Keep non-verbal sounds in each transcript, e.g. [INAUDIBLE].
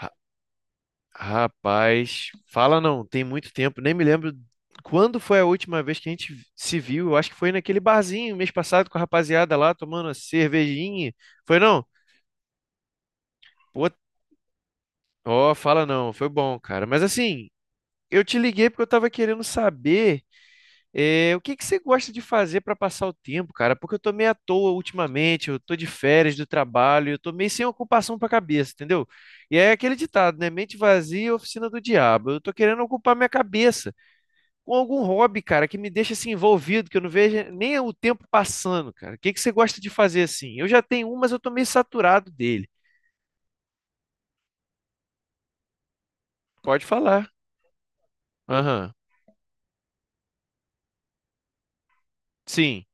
Ra- Rapaz, fala não, tem muito tempo, nem me lembro quando foi a última vez que a gente se viu. Eu acho que foi naquele barzinho mês passado com a rapaziada lá tomando a cervejinha. Foi não? Pô, ó, fala não, foi bom, cara. Mas assim, eu te liguei porque eu tava querendo saber o que que você gosta de fazer pra passar o tempo, cara? Porque eu tô meio à toa ultimamente, eu tô de férias do trabalho, eu tô meio sem ocupação pra cabeça, entendeu? E é aquele ditado, né? Mente vazia, é oficina do diabo. Eu tô querendo ocupar minha cabeça com algum hobby, cara, que me deixa assim envolvido, que eu não veja nem o tempo passando, cara. O que que você gosta de fazer assim? Eu já tenho um, mas eu tô meio saturado dele. Pode falar. Aham. Sim.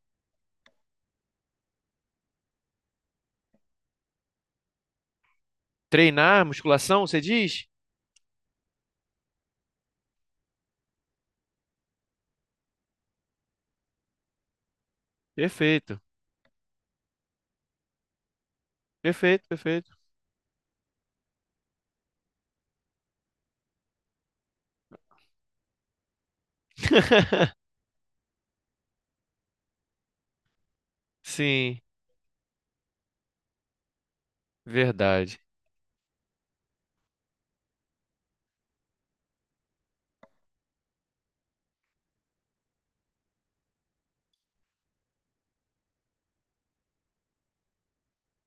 Treinar, musculação, você diz? Perfeito. Perfeito, perfeito. [LAUGHS] Sim, verdade.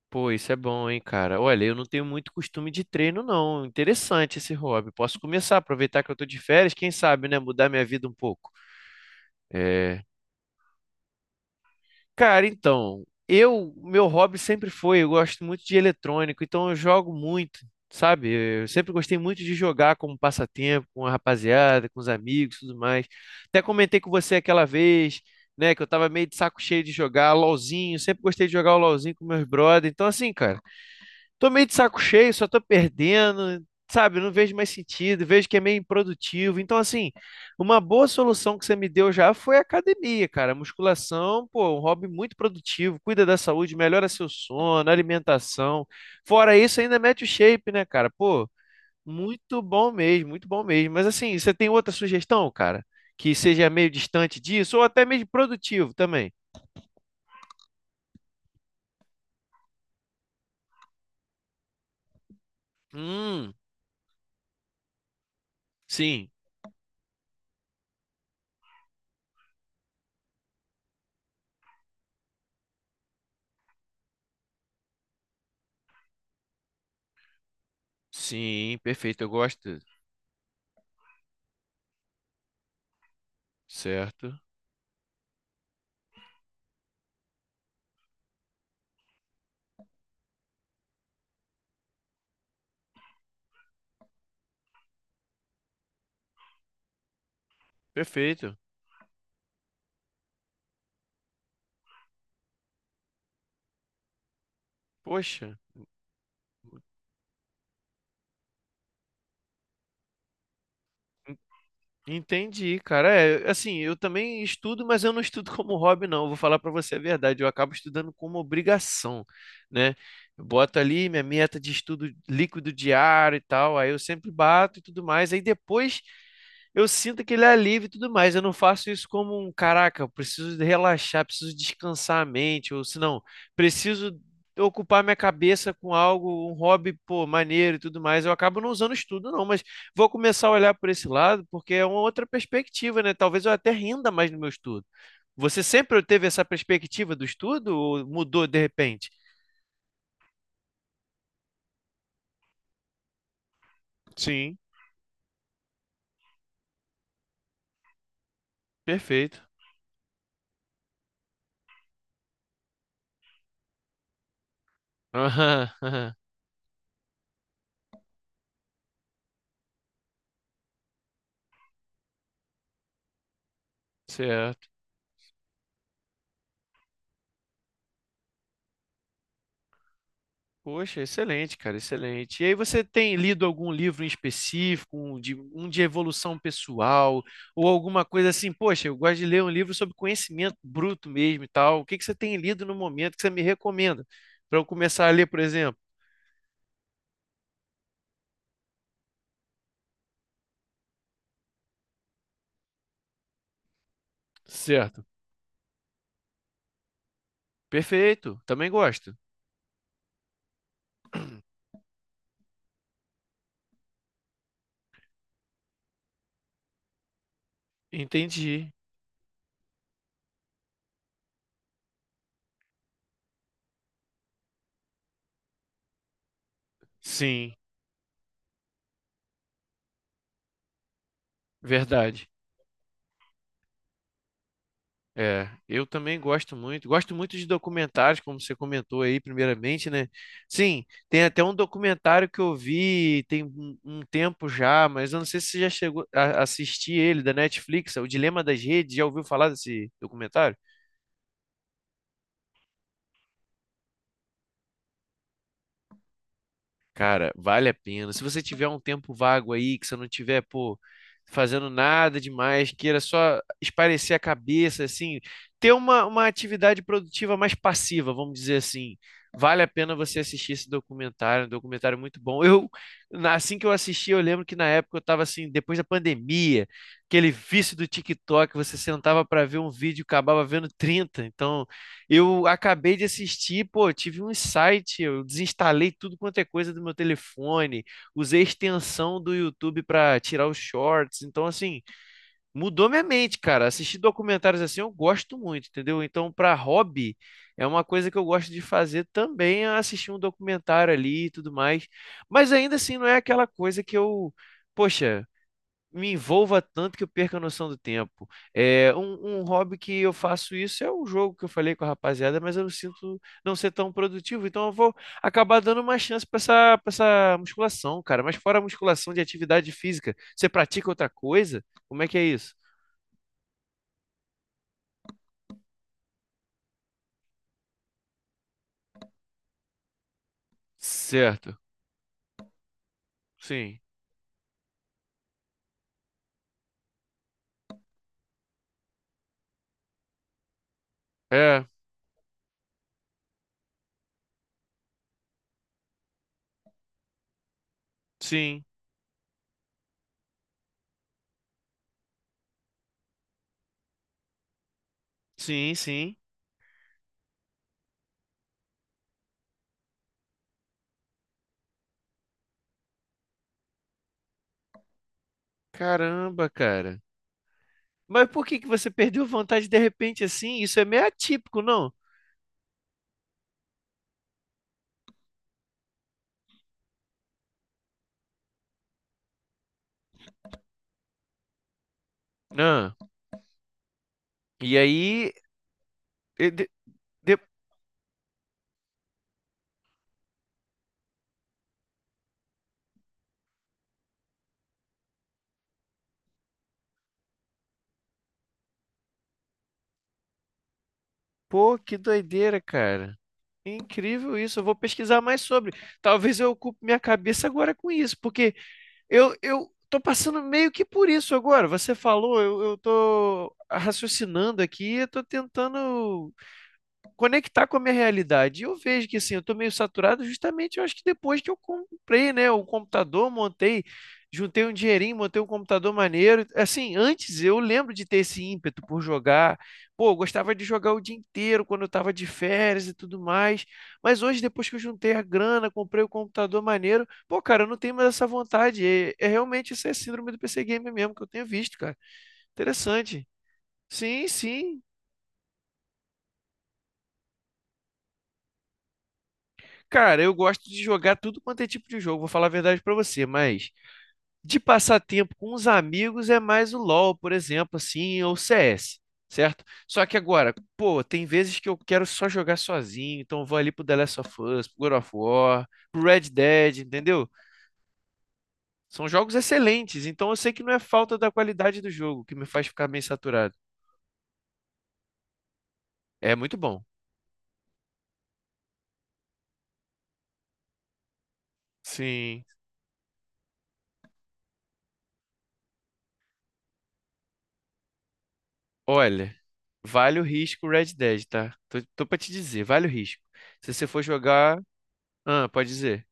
Pô, isso é bom, hein, cara. Olha, eu não tenho muito costume de treino, não. Interessante esse hobby. Posso começar, aproveitar que eu tô de férias, quem sabe, né, mudar minha vida um pouco. É, cara, então, eu, meu hobby sempre foi, eu gosto muito de eletrônico, então eu jogo muito, sabe? Eu sempre gostei muito de jogar como passatempo, com a rapaziada, com os amigos, tudo mais. Até comentei com você aquela vez, né, que eu tava meio de saco cheio de jogar LOLzinho, sempre gostei de jogar o LOLzinho com meus brothers. Então assim, cara, tô meio de saco cheio, só tô perdendo, sabe? Não vejo mais sentido, vejo que é meio improdutivo. Então, assim, uma boa solução que você me deu já foi a academia, cara. Musculação, pô, um hobby muito produtivo, cuida da saúde, melhora seu sono, alimentação. Fora isso, ainda mete o shape, né, cara? Pô, muito bom mesmo, muito bom mesmo. Mas, assim, você tem outra sugestão, cara? Que seja meio distante disso, ou até mesmo produtivo também. Hum, sim, sim, perfeito, eu gosto, certo. Perfeito. Poxa, entendi, cara. É, assim, eu também estudo, mas eu não estudo como hobby, não. Vou falar pra você a verdade. Eu acabo estudando como obrigação, né? Eu boto ali minha meta de estudo líquido diário e tal. Aí eu sempre bato e tudo mais. Aí depois eu sinto aquele alívio e tudo mais. Eu não faço isso como um caraca, eu preciso de relaxar, preciso descansar a mente, ou se não, preciso ocupar minha cabeça com algo, um hobby, pô, maneiro e tudo mais. Eu acabo não usando estudo, não, mas vou começar a olhar por esse lado, porque é uma outra perspectiva, né? Talvez eu até renda mais no meu estudo. Você sempre teve essa perspectiva do estudo ou mudou de repente? Sim, perfeito. Aham, aham, certo. Poxa, excelente, cara, excelente. E aí você tem lido algum livro em específico, um de evolução pessoal, ou alguma coisa assim? Poxa, eu gosto de ler um livro sobre conhecimento bruto mesmo e tal. O que que você tem lido no momento que você me recomenda para eu começar a ler, por exemplo? Certo. Perfeito, também gosto. Entendi. Sim, verdade. É, eu também gosto muito. Gosto muito de documentários, como você comentou aí, primeiramente, né? Sim, tem até um documentário que eu vi tem um tempo já, mas eu não sei se você já chegou a assistir ele, da Netflix, é O Dilema das Redes. Já ouviu falar desse documentário? Cara, vale a pena. Se você tiver um tempo vago aí, que você não tiver, pô, fazendo nada demais, queira só espairecer a cabeça, assim, ter uma atividade produtiva mais passiva, vamos dizer assim. Vale a pena você assistir esse documentário, um documentário muito bom. Eu, assim que eu assisti, eu lembro que na época eu tava assim, depois da pandemia, aquele vício do TikTok, você sentava para ver um vídeo, e acabava vendo 30. Então, eu acabei de assistir, pô, tive um insight, eu desinstalei tudo quanto é coisa do meu telefone, usei a extensão do YouTube para tirar os shorts, então assim, mudou minha mente, cara. Assistir documentários assim eu gosto muito, entendeu? Então, para hobby, é uma coisa que eu gosto de fazer também, é assistir um documentário ali e tudo mais. Mas ainda assim não é aquela coisa que eu, poxa, me envolva tanto que eu perca a noção do tempo. É, um hobby que eu faço isso é um jogo que eu falei com a rapaziada, mas eu não sinto não ser tão produtivo, então eu vou acabar dando uma chance para essa musculação, cara. Mas fora a musculação de atividade física, você pratica outra coisa? Como é que é isso? Certo. Sim. É, sim. Sim, sim. Caramba, cara. Mas por que que você perdeu vontade de repente assim? Isso é meio atípico, não? Ah, e aí, e de- de- pô, que doideira, cara. Incrível isso. Eu vou pesquisar mais sobre. Talvez eu ocupe minha cabeça agora com isso, porque eu tô passando meio que por isso agora. Você falou, eu tô raciocinando aqui, eu tô tentando conectar com a minha realidade. E eu vejo que assim, eu estou meio saturado justamente, eu acho que depois que eu comprei, né, o computador, montei, juntei um dinheirinho, montei um computador maneiro. Assim, antes eu lembro de ter esse ímpeto por jogar. Pô, eu gostava de jogar o dia inteiro quando eu estava de férias e tudo mais. Mas hoje, depois que eu juntei a grana, comprei o computador maneiro, pô, cara, eu não tenho mais essa vontade. É, é realmente essa é a síndrome do PC Gamer mesmo que eu tenho visto, cara. Interessante. Sim, sim. Cara, eu gosto de jogar tudo quanto é tipo de jogo, vou falar a verdade pra você, mas de passar tempo com os amigos é mais o LoL, por exemplo, assim, ou CS, certo? Só que agora, pô, tem vezes que eu quero só jogar sozinho, então eu vou ali pro The Last of Us, pro God of War, pro Red Dead, entendeu? São jogos excelentes, então eu sei que não é falta da qualidade do jogo que me faz ficar meio saturado. É muito bom. Sim. Olha, vale o risco o Red Dead, tá? Tô, tô pra te dizer, vale o risco. Se você for jogar, ah, pode dizer.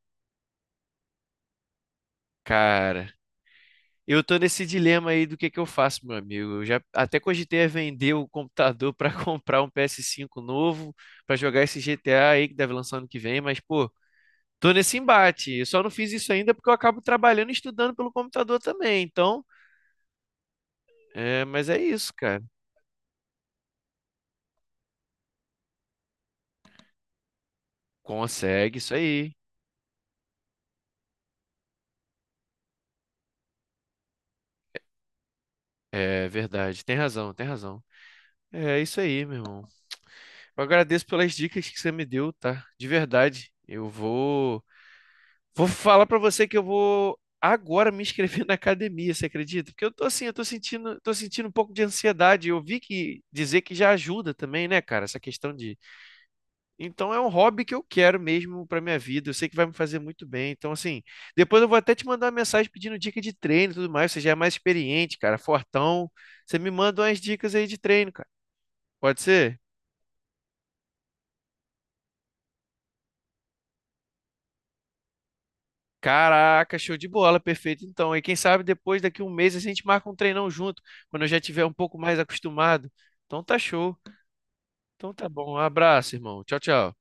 Cara, eu tô nesse dilema aí do que eu faço, meu amigo. Eu já até cogitei a vender o computador pra [LAUGHS] comprar um PS5 novo pra jogar esse GTA aí que deve lançar ano que vem, mas pô, tô nesse embate. Eu só não fiz isso ainda porque eu acabo trabalhando e estudando pelo computador também. Então, é, mas é isso, cara. Consegue isso aí. É verdade. Tem razão, tem razão. É isso aí, meu irmão. Eu agradeço pelas dicas que você me deu, tá? De verdade. Eu vou, vou falar pra você que eu vou agora me inscrever [LAUGHS] na academia, você acredita? Porque eu tô assim, eu tô sentindo um pouco de ansiedade. Eu vi que dizer que já ajuda também, né, cara, essa questão de. Então é um hobby que eu quero mesmo pra minha vida. Eu sei que vai me fazer muito bem. Então assim, depois eu vou até te mandar uma mensagem pedindo dica de treino e tudo mais. Você já é mais experiente, cara, fortão. Você me manda umas dicas aí de treino, cara. Pode ser? Caraca, show de bola, perfeito. Então, e quem sabe depois, daqui um mês, a gente marca um treinão junto, quando eu já tiver um pouco mais acostumado. Então tá show. Então tá bom. Um abraço, irmão. Tchau, tchau.